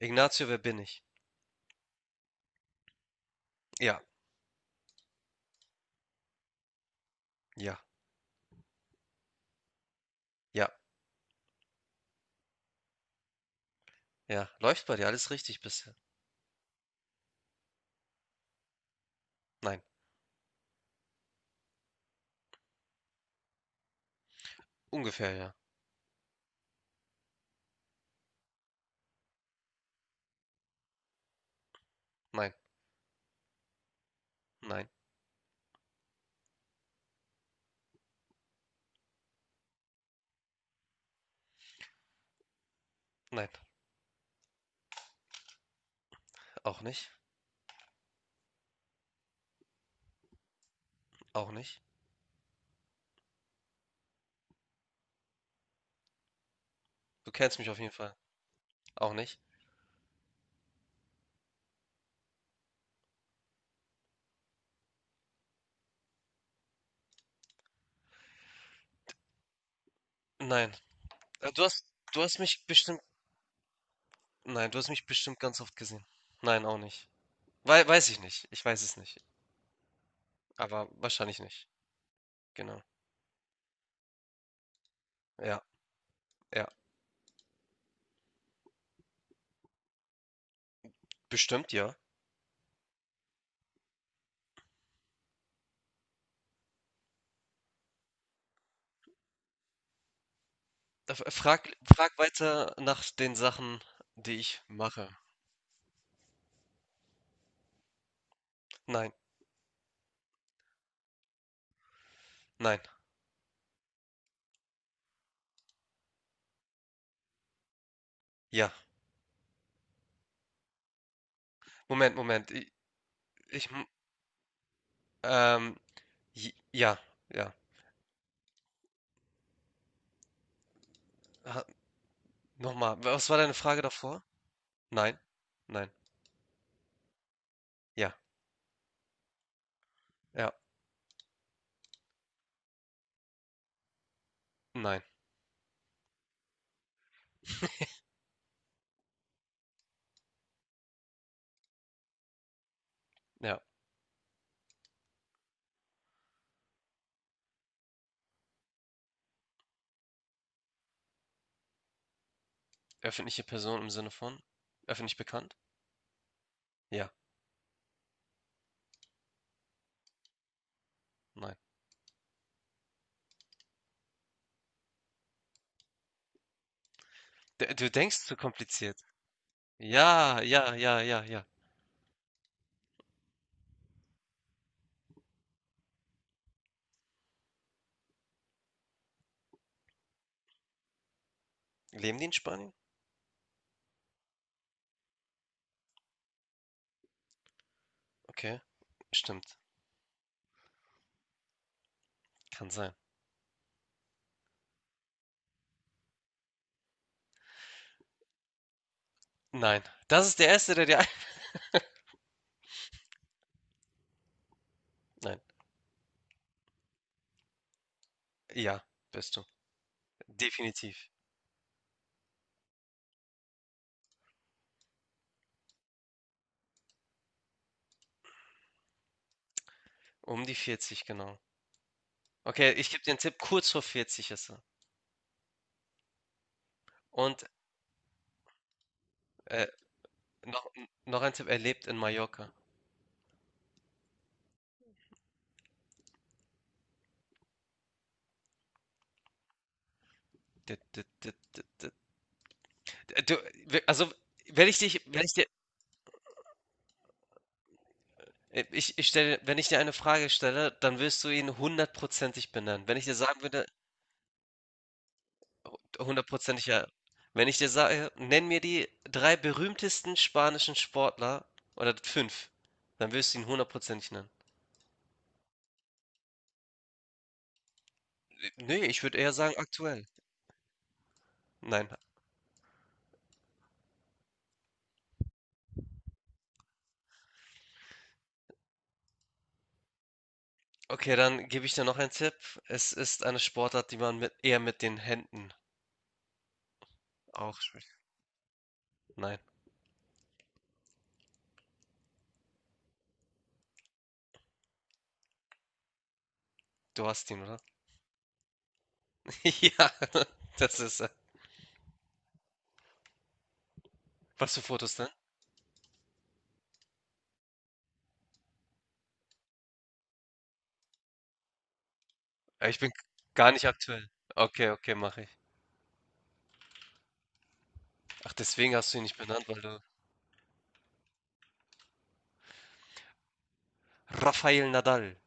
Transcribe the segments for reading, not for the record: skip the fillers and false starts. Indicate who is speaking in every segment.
Speaker 1: Ignacio, wer bin ich? Ja, ja, ja, ja. Läuft bei dir alles richtig bisher? Nein, ungefähr ja. Nein, nein, nein. Auch nicht, auch nicht. Du kennst mich auf jeden Fall. Auch nicht. Nein. Äh, Du hast, du hast mich bestimmt, nein, du hast mich bestimmt ganz oft gesehen. Nein, auch nicht. Weiß ich nicht. Ich weiß es nicht. Aber wahrscheinlich nicht. Genau. Ja, ja. Bestimmt ja. Frag, frag weiter nach den Sachen, die ich mache. Nein, nein. Ja. Moment, Moment. Ich, Ähm, ja, ja. Ha- Nochmal, was war deine Frage davor? Nein, nein, ja, ja, nein, ja. Öffentliche Person im Sinne von öffentlich bekannt? Ja, nein. D Du denkst zu kompliziert. Ja, ja, ja, ja, ja. Leben die in Spanien? Okay, stimmt, kann sein. Nein, das ist der Erste, der dir Nein, ja, bist du. Definitiv. Um die vierzig genau. Okay, ich gebe dir einen Tipp, kurz vor 40 ist er. Und äh, noch, noch ein Tipp, er lebt in Mallorca. D d d d d du, we also, wenn ich dich wenn ich dir ich ich stelle Wenn ich dir eine Frage stelle, dann wirst du ihn hundertprozentig benennen. Wenn ich dir sagen würde hundertprozentig, ja. Wenn ich dir sage: „Nenn mir die 3 berühmtesten spanischen Sportler“ oder 5, dann wirst du ihn hundertprozentig nennen. Ne, ich würde eher sagen aktuell. Nein. Okay, dann gebe ich dir noch einen Tipp. Es ist eine Sportart, die man mit eher mit den Händen auch spielt. Nein, du hast ihn, oder? Ja, das ist. Was für Fotos denn? Ich bin gar nicht aktuell. Okay, okay, mache ich. Ach, deswegen hast du ihn nicht benannt, weil du Rafael Nadal.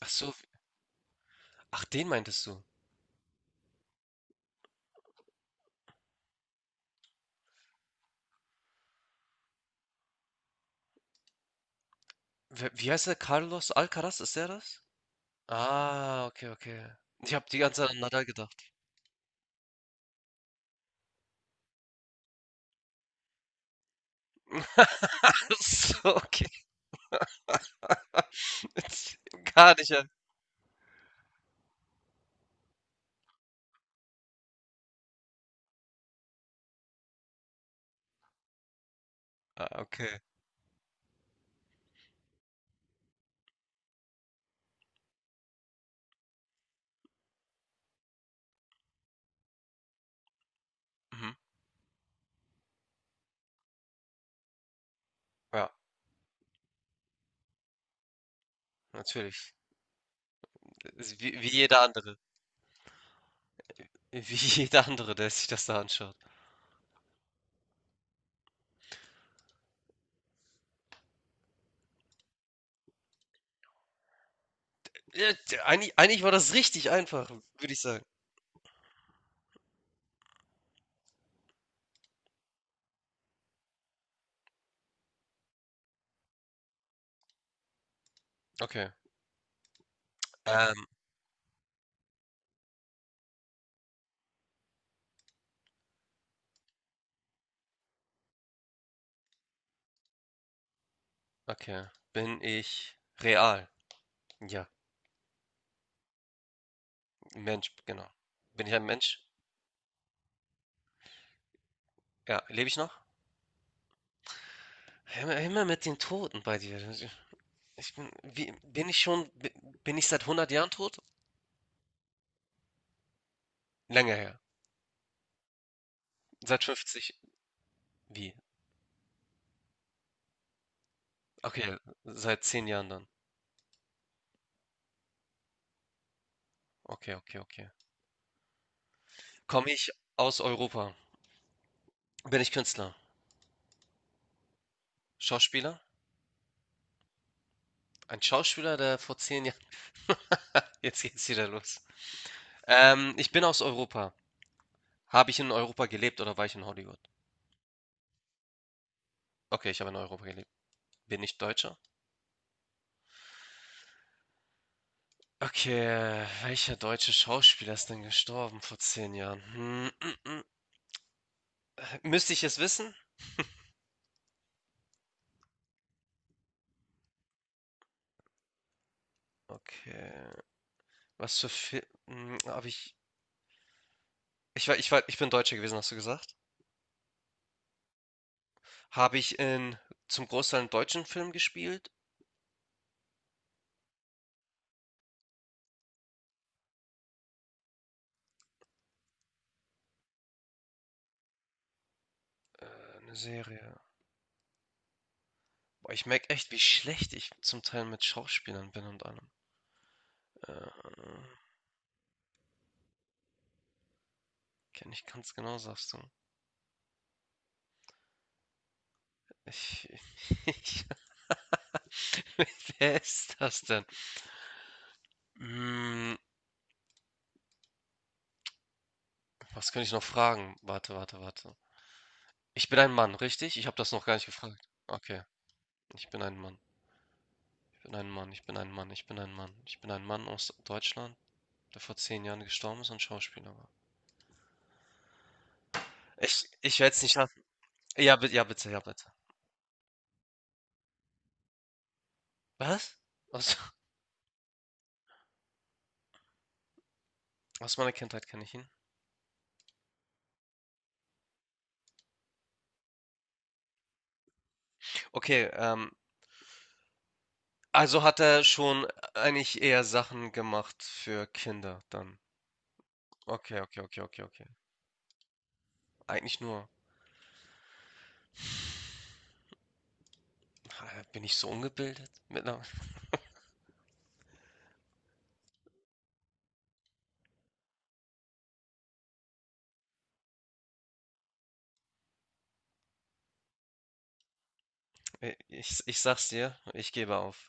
Speaker 1: Ach so, ach, den meintest du. Wie heißt der? Carlos Alcaraz, ist der das? Ah, okay, okay. Ich habe die ganze Zeit an Nadal gedacht. Ach so, okay. Gar nicht an. Ah, okay. Mhm. Ja, natürlich. Ist Wie, wie jeder andere. Wie jeder andere, der sich das da anschaut. Ja, eigentlich, eigentlich war das richtig einfach, würde ich sagen. Okay. Ähm, Okay. Bin ich real? Ja, Mensch, genau. Bin ich ein Mensch? Ja, lebe ich noch? Immer, immer mit den Toten bei dir. Ich bin, wie, bin ich schon, Bin ich seit 100 Jahren tot? Länger her. Seit 50. Wie? Okay, seit 10 Jahren dann. Okay, okay, okay. Komme ich aus Europa? Bin ich Künstler? Schauspieler? Ein Schauspieler, der vor 10 Jahren. Jetzt geht's wieder los. Ich bin aus Europa. Habe ich in Europa gelebt oder war ich in Hollywood? Okay, ich habe in Europa gelebt. Bin ich Deutscher? Okay, welcher deutsche Schauspieler ist denn gestorben vor 10 Jahren? Hm, mm, mm. Müsste ich es wissen? Okay, was für Film habe ich? Ich bin Deutscher gewesen, hast du gesagt? Habe ich in zum Großteil einen deutschen Film gespielt? Eine Serie. Boah, ich merke echt, wie schlecht ich zum Teil mit Schauspielern bin und allem. Äh, Kenne ich ganz genau, sagst du. Ich, ich, wer ist das denn? Mm, was kann ich noch fragen? Warte, warte, warte. Ich bin ein Mann, richtig? Ich habe das noch gar nicht gefragt. Okay, ich bin ein Mann. Ich bin ein Mann, ich bin ein Mann, ich bin ein Mann. Ich bin ein Mann aus Deutschland, der vor 10 Jahren gestorben ist und Schauspieler war. Ich werde es nicht lassen. Ja, bitte, ja, bitte, ja, bitte. Was? Aus, aus meiner Kindheit kenne ich ihn. Okay, also hat er schon eigentlich eher Sachen gemacht für Kinder dann. Okay, okay, okay, okay, okay. Eigentlich nur, ah, bin ich so ungebildet? Ich sag's dir, ich gebe auf.